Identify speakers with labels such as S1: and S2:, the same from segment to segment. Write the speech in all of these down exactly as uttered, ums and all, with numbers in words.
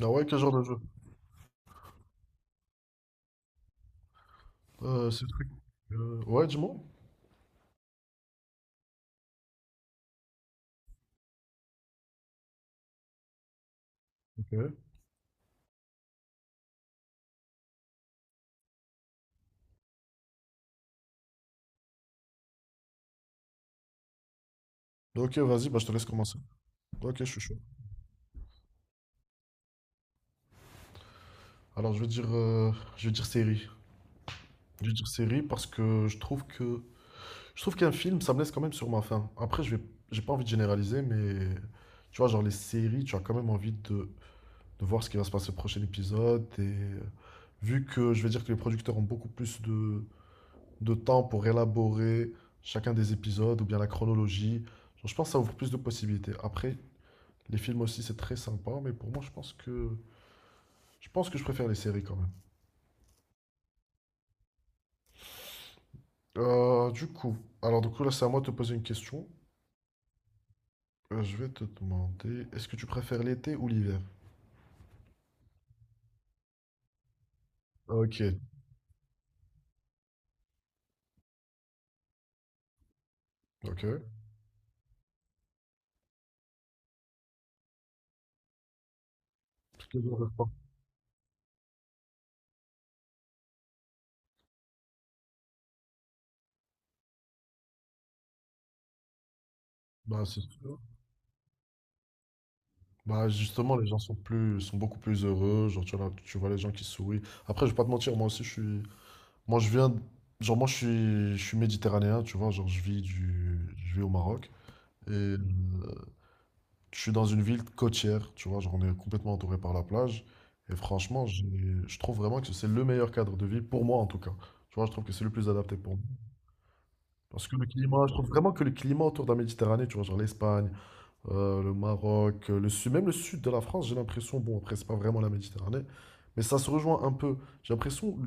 S1: Ah ouais, quel genre de jeu? Euh, c'est le truc. Euh, ouais, Dis-moi. Ok. Ok, vas-y, bah, je te laisse commencer. Ok, je suis chaud. Alors, je vais dire, euh, je vais dire série. Je vais dire série parce que je trouve que je trouve qu'un film, ça me laisse quand même sur ma faim. Après, je vais, j'ai pas envie de généraliser, mais tu vois, genre les séries, tu as quand même envie de, de voir ce qui va se passer au prochain épisode. Et euh, vu que je vais dire que les producteurs ont beaucoup plus de, de temps pour élaborer chacun des épisodes ou bien la chronologie, genre, je pense que ça ouvre plus de possibilités. Après, les films aussi, c'est très sympa, mais pour moi, je pense que je pense que je préfère les séries quand même. Euh, du coup, alors du coup là, c'est à moi de te poser une question. Euh, je vais te demander, est-ce que tu préfères l'été ou l'hiver? Ok, ok. Toutes les deux en pas. Bah c'est sûr. Bah justement, les gens sont plus, sont beaucoup plus heureux. Genre tu vois, là, tu vois les gens qui sourient. Après, je vais pas te mentir, moi aussi, je suis, moi je viens, de- genre moi je suis, je suis méditerranéen, tu vois, genre je vis du, je vis au Maroc. Et euh, je suis dans une ville côtière, tu vois, genre on est complètement entouré par la plage. Et franchement, j'ai- je trouve vraiment que c'est le meilleur cadre de vie, pour moi en tout cas. Tu vois, je trouve que c'est le plus adapté pour moi. Parce que le climat, je trouve vraiment que le climat autour de la Méditerranée, tu vois, genre l'Espagne, euh, le Maroc, euh, le sud, même le sud de la France, j'ai l'impression, bon, après, c'est pas vraiment la Méditerranée, mais ça se rejoint un peu. J'ai l'impression,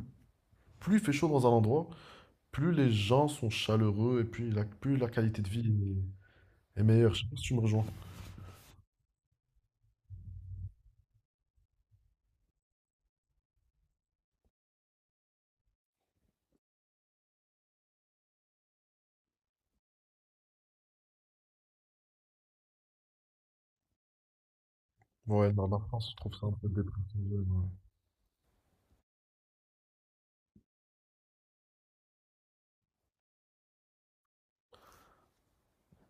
S1: plus il fait chaud dans un endroit, plus les gens sont chaleureux et puis la, plus la qualité de vie est, est meilleure. Je sais pas si tu me rejoins. Ouais, dans la France, je trouve ça un peu dépressif. Ouais.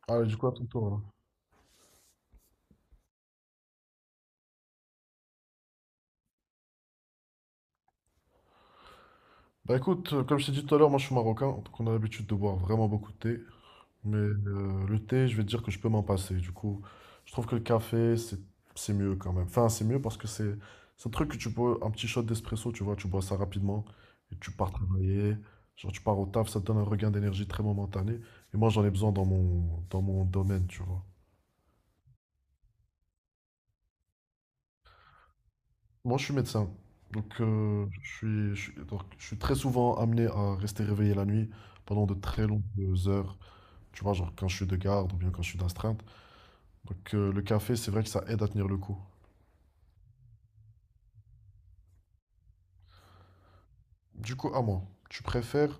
S1: Allez, du coup, à ton tour, là. Bah écoute, euh, comme je t'ai dit tout à l'heure, moi je suis marocain, donc on a l'habitude de boire vraiment beaucoup de thé. Mais euh, le thé, je vais te dire que je peux m'en passer. Du coup, je trouve que le café, c'est c'est mieux quand même. Enfin, c'est mieux parce que c'est c'est un truc que tu bois, un petit shot d'espresso, tu vois, tu bois ça rapidement et tu pars travailler. Genre, tu pars au taf, ça te donne un regain d'énergie très momentané. Et moi, j'en ai besoin dans mon, dans mon domaine, tu vois. Moi, je suis médecin. Donc, euh, je suis, je suis- donc, je suis très souvent amené à rester réveillé la nuit pendant de très longues heures. Tu vois, genre quand je suis de garde ou bien quand je suis d'astreinte. Donc, euh, le café, c'est vrai que ça aide à tenir le coup. Du coup, à moi, tu préfères,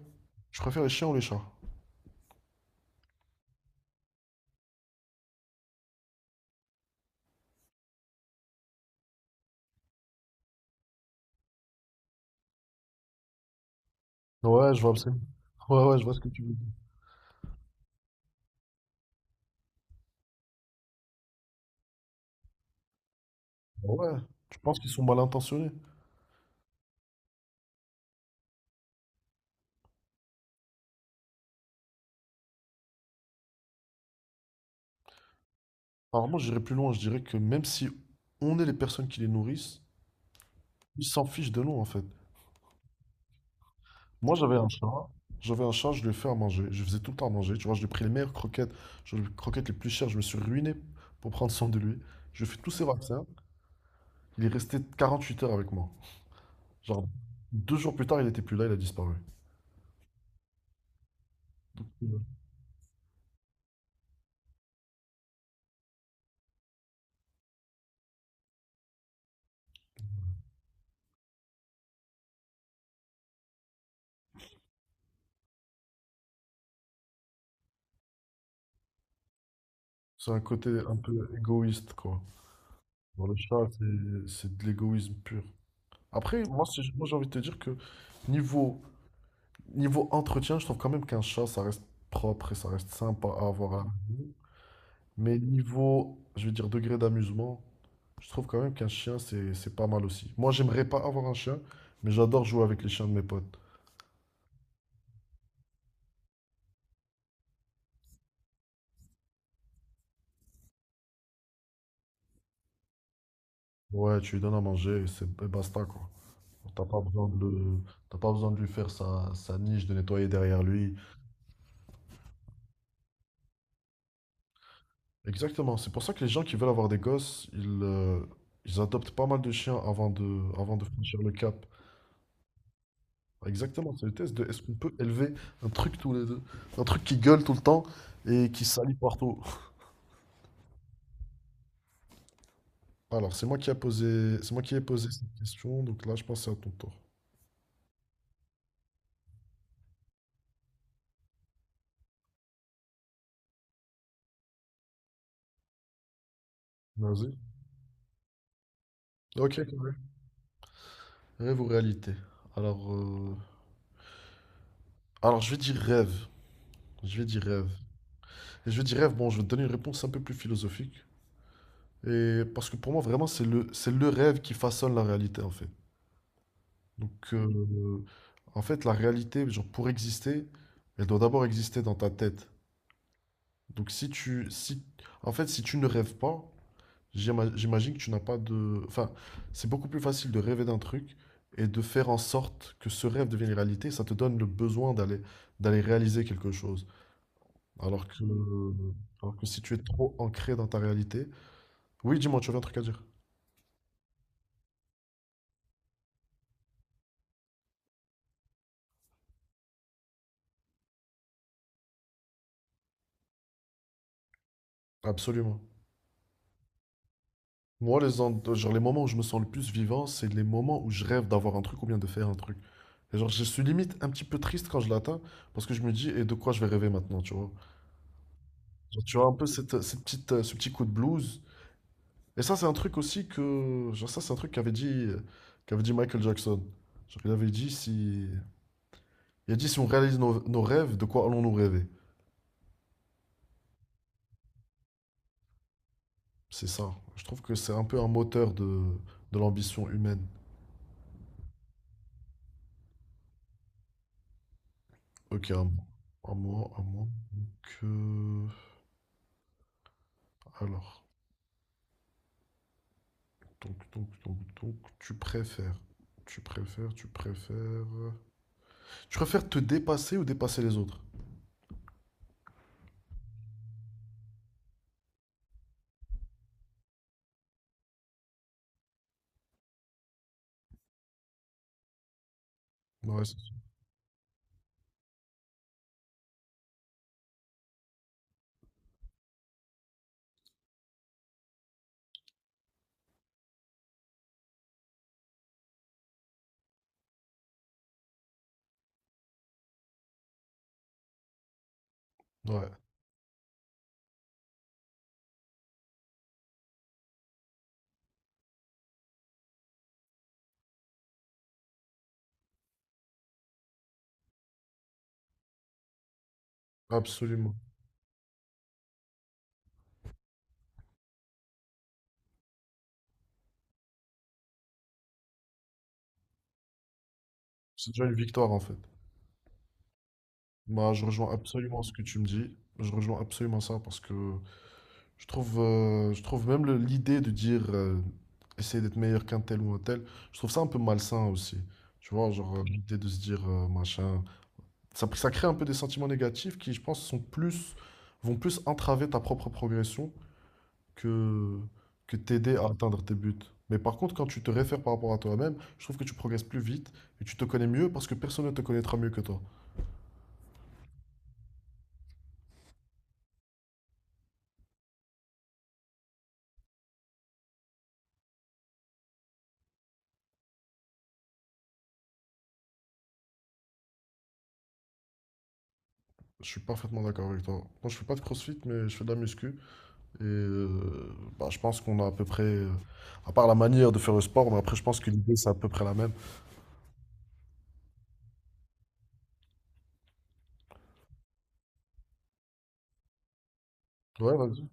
S1: tu préfères les chiens ou les chats? Ouais, je vois absolument. Ouais, ouais, je vois ce que tu veux dire. Ouais, tu penses qu'ils sont mal intentionnés? Alors, moi, j'irais plus loin. Je dirais que même si on est les personnes qui les nourrissent, ils s'en fichent de nous, en fait. Moi, j'avais un chat. J'avais un chat, je lui ai fait à manger. Je lui faisais tout le temps à manger. Tu vois, je lui ai pris les meilleures croquettes, je lui ai pris les croquettes les plus chères. Je me suis ruiné pour prendre soin de lui. Je lui ai fait tous ses vaccins. Il est resté quarante-huit heures avec moi. Genre, deux jours plus tard, il n'était plus là, il a disparu. C'est un côté un peu égoïste, quoi. Dans le chat, c'est c'est de l'égoïsme pur. Après, moi, c'est- moi, j'ai envie de te dire que niveau, niveau entretien, je trouve quand même qu'un chat, ça reste propre et ça reste sympa à avoir à la maison. Mais niveau, je veux dire, degré d'amusement, je trouve quand même qu'un chien, c'est c'est pas mal aussi. Moi, j'aimerais pas avoir un chien, mais j'adore jouer avec les chiens de mes potes. Ouais, tu lui donnes à manger et c'est et basta, quoi. T'as pas besoin de le- T'as pas besoin de lui faire sa, sa niche, de nettoyer derrière lui. Exactement. C'est pour ça que les gens qui veulent avoir des gosses, ils, euh, ils adoptent pas mal de chiens avant de, avant de franchir le cap. Exactement. C'est le test de est-ce qu'on peut élever un truc tous les deux, un truc qui gueule tout le temps et qui salit partout. Alors, c'est moi qui a posé, c'est moi qui ai posé cette question, donc là, je pense que c'est à ton tour. Vas-y. Ok, carré. Rêve ou réalité? Alors, euh, alors je vais dire rêve. Je vais dire rêve. Et je vais dire rêve, bon, je vais te donner une réponse un peu plus philosophique. Et parce que pour moi, vraiment, c'est le, c'est le rêve qui façonne la réalité, en fait. Donc, euh, en fait, la réalité, genre, pour exister, elle doit d'abord exister dans ta tête. Donc, si tu, si, en fait, si tu ne rêves pas, J'ima- j'imagine que tu n'as pas de... Enfin, c'est beaucoup plus facile de rêver d'un truc et de faire en sorte que ce rêve devienne réalité. Ça te donne le besoin d'aller d'aller réaliser quelque chose. Alors que, alors que si tu es trop ancré dans ta réalité... Oui, dis-moi, tu avais un truc à dire. Absolument. Moi, les, en- genre, Les moments où je me sens le plus vivant, c'est les moments où je rêve d'avoir un truc ou bien de faire un truc. Et genre, je suis limite un petit peu triste quand je l'atteins parce que je me dis, et de quoi je vais rêver maintenant, tu vois? Genre, tu vois un peu cette, cette petite, euh, ce petit coup de blues. Et ça, c'est un truc aussi que, genre, ça, c'est un truc qu'avait dit, euh, qu'avait dit Michael Jackson. Genre, il avait dit si. Il a dit si on réalise nos, nos rêves, de quoi allons-nous rêver? C'est ça. Je trouve que c'est un peu un moteur de, de l'ambition humaine. Ok, à, mo- à moi, à moi que. Alors. Donc, donc, donc, donc, tu préfères. Tu préfères, tu préfères. Tu préfères te dépasser ou dépasser les autres? Ouais, c'est- ouais, absolument. C'est déjà une victoire en fait. Bah, je rejoins absolument ce que tu me dis. Je rejoins absolument ça parce que je trouve, euh, je trouve même le- l'idée de dire euh, essayer d'être meilleur qu'un tel ou un tel, je trouve ça un peu malsain aussi. Tu vois, genre euh, l'idée de se dire euh, machin, ça, ça crée un peu des sentiments négatifs qui, je pense, sont plus, vont plus entraver ta propre progression que, que t'aider à atteindre tes buts. Mais par contre, quand tu te réfères par rapport à toi-même, je trouve que tu progresses plus vite et tu te connais mieux parce que personne ne te connaîtra mieux que toi. Je suis parfaitement d'accord avec toi. Moi, je fais pas de crossfit, mais je fais de la muscu. Et euh, bah, je pense qu'on a à peu près, euh, à part la manière de faire le sport, mais après, je pense que l'idée, c'est à peu près la même. Ouais, vas-y.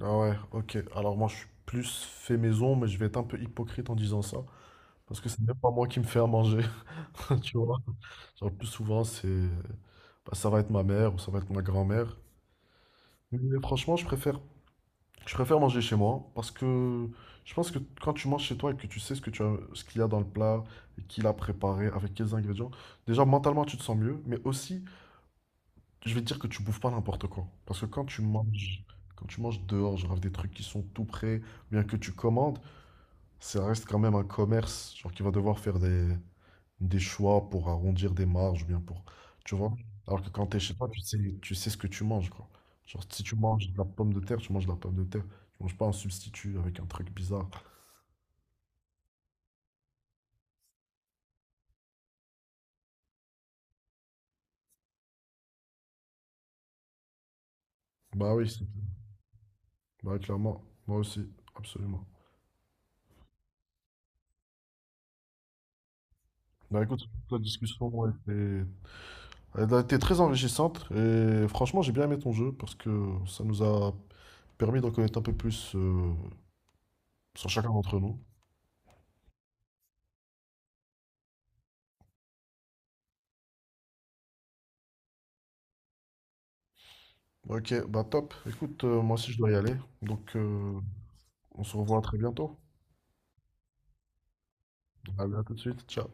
S1: Ah ouais, ok. Alors, moi, je suis plus fait maison, mais je vais être un peu hypocrite en disant ça. Parce que c'est même pas moi qui me fais à manger, tu vois. Genre, le plus souvent, c'est, bah, ça va être ma mère ou ça va être ma grand-mère. Mais franchement, je préfère je préfère manger chez moi parce que je pense que quand tu manges chez toi et que tu sais ce que tu as, ce qu'il y a dans le plat, et qui l'a préparé, avec quels ingrédients, déjà mentalement tu te sens mieux, mais aussi je vais te dire que tu bouffes pas n'importe quoi. Parce que quand tu manges, quand tu manges dehors, genre avec des trucs qui sont tout prêts, bien que tu commandes, ça reste quand même un commerce, genre qui va devoir faire des, des choix pour arrondir des marges ou bien pour, tu vois. Alors que quand t'es chez toi, tu sais, tu sais ce que tu manges, quoi. Genre, si tu manges de la pomme de terre, tu manges de la pomme de terre. Tu manges pas un substitut avec un truc bizarre. Bah oui, c'est- Bah oui, clairement, moi aussi, absolument. Bah écoute, la discussion a été, elle a été très enrichissante et franchement, j'ai bien aimé ton jeu parce que ça nous a permis d'en connaître un peu plus euh, sur chacun d'entre nous. Ok, bah top. Écoute, euh, moi aussi je dois y aller, donc euh, on se revoit très bientôt. À tout de suite. Ciao.